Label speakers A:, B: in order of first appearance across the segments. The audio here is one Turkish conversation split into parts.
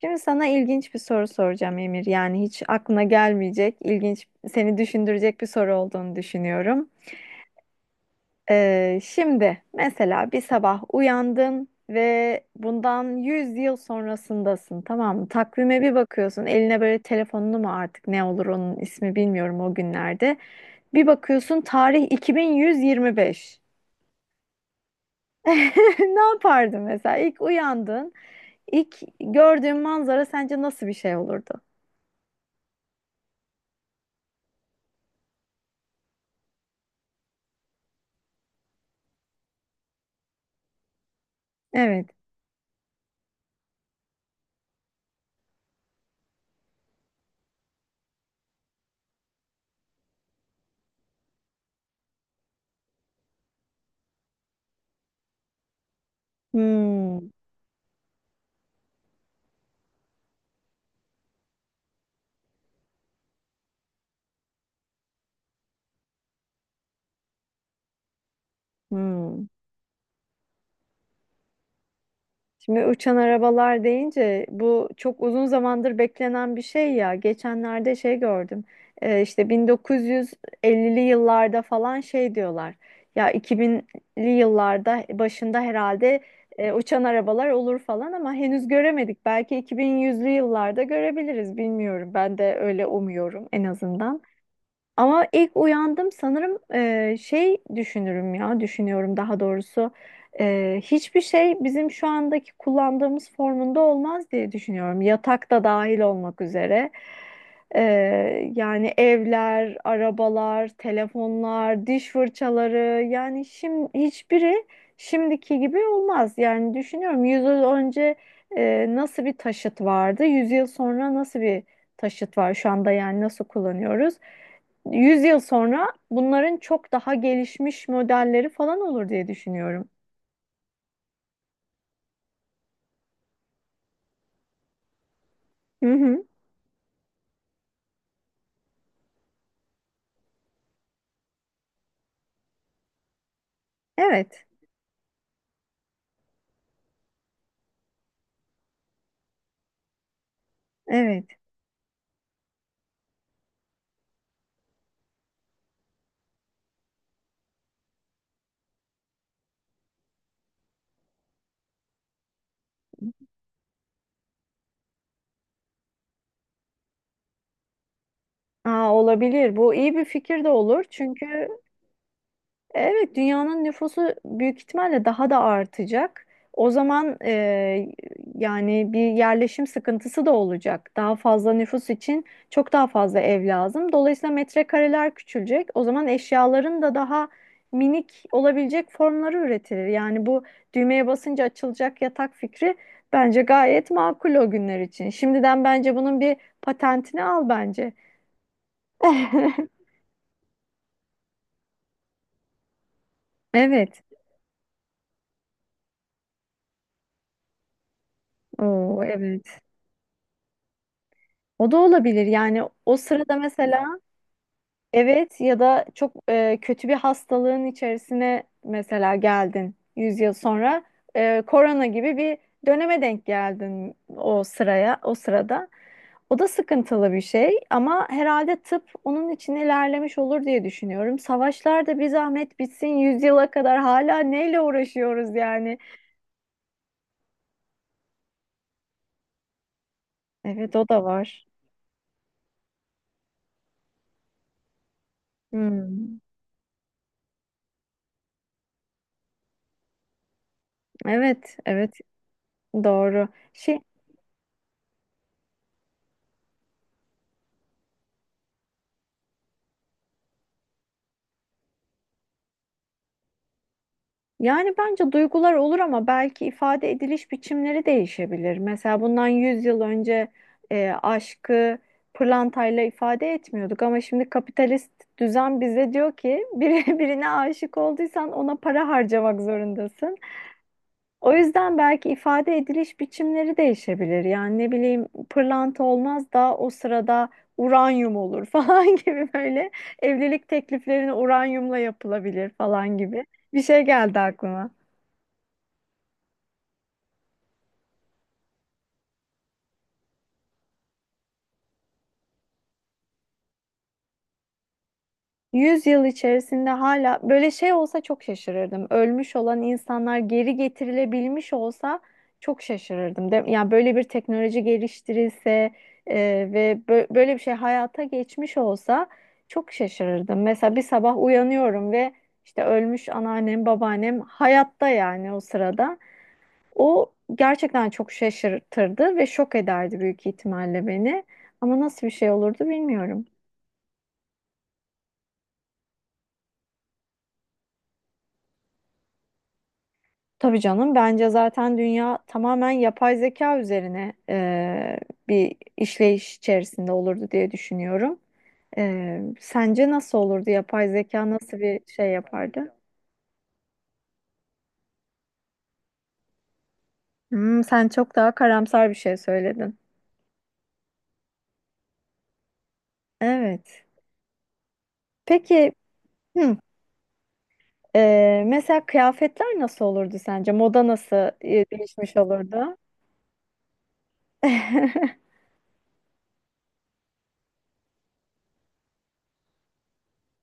A: Şimdi sana ilginç bir soru soracağım Emir. Yani hiç aklına gelmeyecek, ilginç, seni düşündürecek bir soru olduğunu düşünüyorum. Şimdi mesela bir sabah uyandın ve bundan 100 yıl sonrasındasın, tamam mı? Takvime bir bakıyorsun, eline böyle telefonunu mu artık ne olur onun ismi bilmiyorum o günlerde. Bir bakıyorsun tarih 2125. Ne yapardın mesela? İlk uyandın, ilk gördüğün manzara sence nasıl bir şey olurdu? Evet. Hmm, hmm. Şimdi uçan arabalar deyince bu çok uzun zamandır beklenen bir şey ya. Geçenlerde şey gördüm. İşte 1950'li yıllarda falan şey diyorlar. Ya 2000'li yıllarda başında herhalde uçan arabalar olur falan ama henüz göremedik. Belki 2100'lü yıllarda görebiliriz bilmiyorum. Ben de öyle umuyorum en azından. Ama ilk uyandım sanırım şey düşünürüm ya düşünüyorum daha doğrusu. Hiçbir şey bizim şu andaki kullandığımız formunda olmaz diye düşünüyorum yatak da dahil olmak üzere. E, Yani evler, arabalar, telefonlar, diş fırçaları yani şimdi hiçbiri şimdiki gibi olmaz yani düşünüyorum 100 yıl önce nasıl bir taşıt vardı 100 yıl sonra nasıl bir taşıt var şu anda yani nasıl kullanıyoruz? 100 yıl sonra bunların çok daha gelişmiş modelleri falan olur diye düşünüyorum. Hı hı. Evet, evet. Aa, olabilir. Bu iyi bir fikir de olur. Çünkü evet, dünyanın nüfusu büyük ihtimalle daha da artacak. O zaman yani bir yerleşim sıkıntısı da olacak. Daha fazla nüfus için çok daha fazla ev lazım. Dolayısıyla metrekareler küçülecek. O zaman eşyaların da daha minik olabilecek formları üretilir. Yani bu düğmeye basınca açılacak yatak fikri bence gayet makul o günler için. Şimdiden bence bunun bir patentini al bence. Evet. Oo, evet. O da olabilir yani o sırada mesela evet ya da çok kötü bir hastalığın içerisine mesela geldin 100 yıl sonra korona gibi bir döneme denk geldin o sırada. O da sıkıntılı bir şey ama herhalde tıp onun için ilerlemiş olur diye düşünüyorum. Savaşlar da bir zahmet bitsin 100 yıla kadar hala neyle uğraşıyoruz yani. Evet, o da var. Hmm. Evet, evet, doğru. Şey Yani bence duygular olur ama belki ifade ediliş biçimleri değişebilir. Mesela bundan 100 yıl önce aşkı pırlantayla ifade etmiyorduk ama şimdi kapitalist düzen bize diyor ki birine aşık olduysan ona para harcamak zorundasın. O yüzden belki ifade ediliş biçimleri değişebilir. Yani ne bileyim pırlanta olmaz da o sırada uranyum olur falan gibi böyle evlilik tekliflerini uranyumla yapılabilir falan gibi bir şey geldi aklıma. 100 yıl içerisinde hala böyle şey olsa çok şaşırırdım. Ölmüş olan insanlar geri getirilebilmiş olsa çok şaşırırdım. Yani böyle bir teknoloji geliştirilse e, ve böyle bir şey hayata geçmiş olsa çok şaşırırdım. Mesela bir sabah uyanıyorum ve işte ölmüş anneannem, babaannem hayatta yani o sırada. O gerçekten çok şaşırtırdı ve şok ederdi büyük ihtimalle beni. Ama nasıl bir şey olurdu bilmiyorum. Tabii canım, bence zaten dünya tamamen yapay zeka üzerine bir işleyiş içerisinde olurdu diye düşünüyorum. Sence nasıl olurdu? Yapay zeka nasıl bir şey yapardı? Hmm, sen çok daha karamsar bir şey söyledin. Evet. Peki hı, mesela kıyafetler nasıl olurdu sence? Moda nasıl değişmiş olurdu?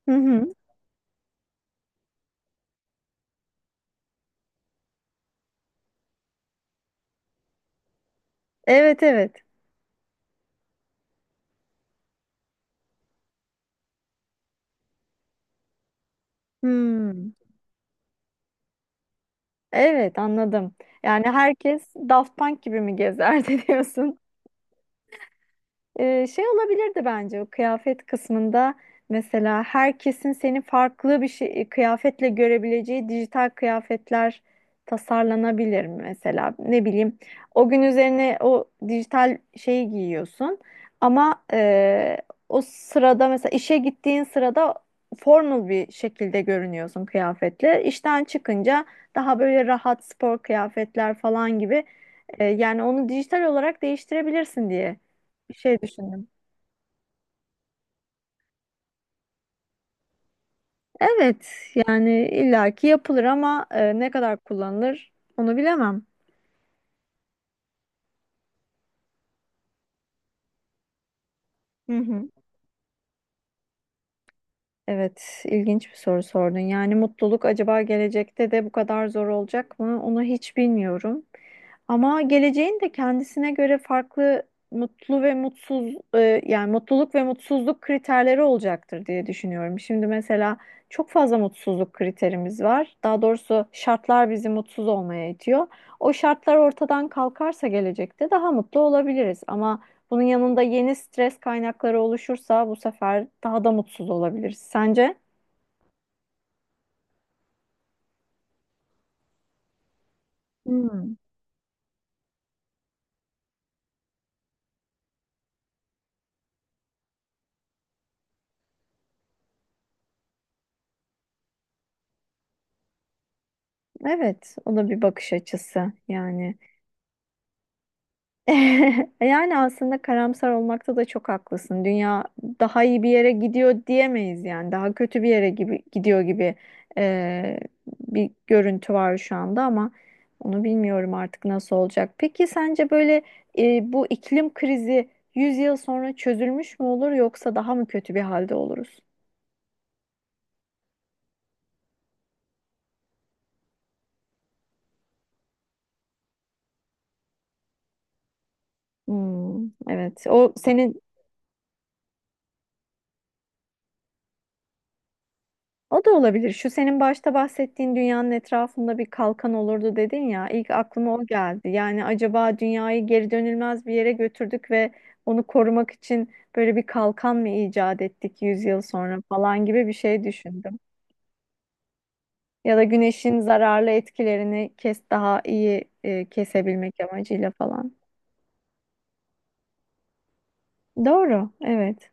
A: Hı hı. Evet, evet. Hmm. Evet, anladım. Yani herkes Daft Punk gibi mi gezerdi diyorsun? Şey olabilirdi bence o kıyafet kısmında mesela herkesin seni farklı bir şey, kıyafetle görebileceği dijital kıyafetler tasarlanabilir mi mesela ne bileyim o gün üzerine o dijital şeyi giyiyorsun ama o sırada mesela işe gittiğin sırada formal bir şekilde görünüyorsun kıyafetle işten çıkınca daha böyle rahat spor kıyafetler falan gibi, yani onu dijital olarak değiştirebilirsin diye bir şey düşündüm. Evet, yani illaki yapılır ama ne kadar kullanılır onu bilemem. Hı hı. Evet, ilginç bir soru sordun. Yani mutluluk acaba gelecekte de bu kadar zor olacak mı? Onu hiç bilmiyorum. Ama geleceğin de kendisine göre farklı mutlu ve mutsuz, yani mutluluk ve mutsuzluk kriterleri olacaktır diye düşünüyorum. Şimdi mesela çok fazla mutsuzluk kriterimiz var. Daha doğrusu şartlar bizi mutsuz olmaya itiyor. O şartlar ortadan kalkarsa gelecekte daha mutlu olabiliriz. Ama bunun yanında yeni stres kaynakları oluşursa bu sefer daha da mutsuz olabiliriz. Sence? Hmm, evet. O da bir bakış açısı yani. Yani aslında karamsar olmakta da çok haklısın. Dünya daha iyi bir yere gidiyor diyemeyiz yani. Daha kötü bir yere gibi gidiyor gibi eee, bir görüntü var şu anda ama onu bilmiyorum artık nasıl olacak. Peki sence böyle bu iklim krizi 100 yıl sonra çözülmüş mü olur yoksa daha mı kötü bir halde oluruz? Hmm, evet. O da olabilir. Şu senin başta bahsettiğin dünyanın etrafında bir kalkan olurdu dedin ya. İlk aklıma o geldi. Yani acaba dünyayı geri dönülmez bir yere götürdük ve onu korumak için böyle bir kalkan mı icat ettik 100 yıl sonra falan gibi bir şey düşündüm. Ya da güneşin zararlı etkilerini daha iyi kesebilmek amacıyla falan. Doğru. Evet.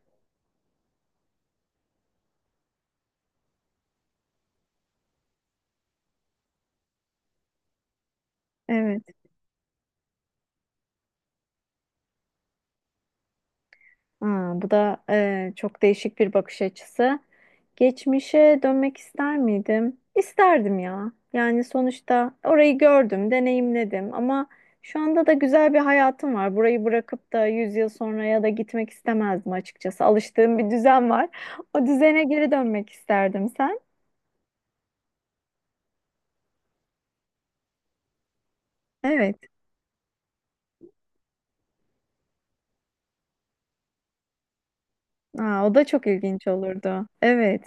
A: Evet. Aa, bu da çok değişik bir bakış açısı. Geçmişe dönmek ister miydim? İsterdim ya. Yani sonuçta orayı gördüm, deneyimledim ama şu anda da güzel bir hayatım var. Burayı bırakıp da 100 yıl sonraya da gitmek istemezdim açıkçası. Alıştığım bir düzen var. O düzene geri dönmek isterdim sen. Evet. Aa, o da çok ilginç olurdu. Evet.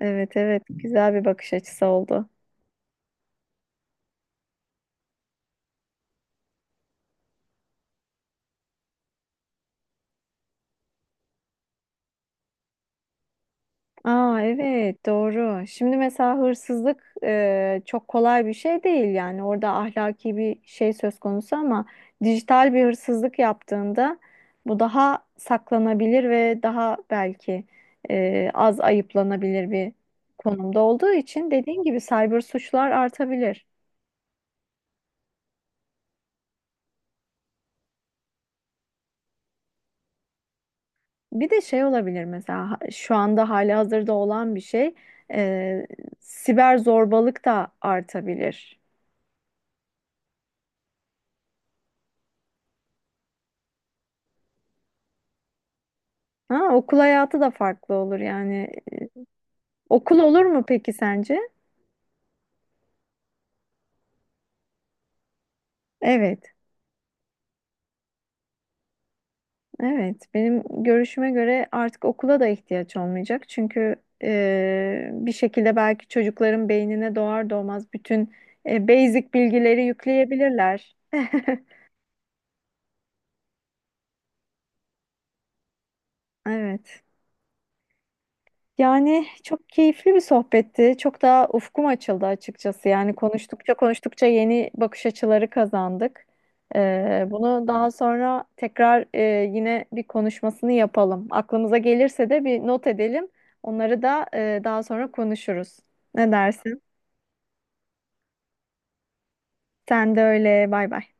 A: Evet, evet. Güzel bir bakış açısı oldu. Aa, evet, doğru. Şimdi mesela hırsızlık çok kolay bir şey değil yani orada ahlaki bir şey söz konusu ama dijital bir hırsızlık yaptığında bu daha saklanabilir ve daha belki az ayıplanabilir bir konumda olduğu için dediğin gibi cyber suçlar artabilir. Bir de şey olabilir mesela şu anda hali hazırda olan bir şey, e, siber zorbalık da artabilir. Ha, okul hayatı da farklı olur yani. Okul olur mu peki sence? Evet, evet. Benim görüşüme göre artık okula da ihtiyaç olmayacak. Çünkü bir şekilde belki çocukların beynine doğar doğmaz bütün basic bilgileri yükleyebilirler. Evet. Yani çok keyifli bir sohbetti. Çok daha ufkum açıldı açıkçası. Yani konuştukça konuştukça yeni bakış açıları kazandık. Bunu daha sonra yine bir konuşmasını yapalım. Aklımıza gelirse de bir not edelim. Onları da daha sonra konuşuruz. Ne dersin? Sen de öyle. Bay bay.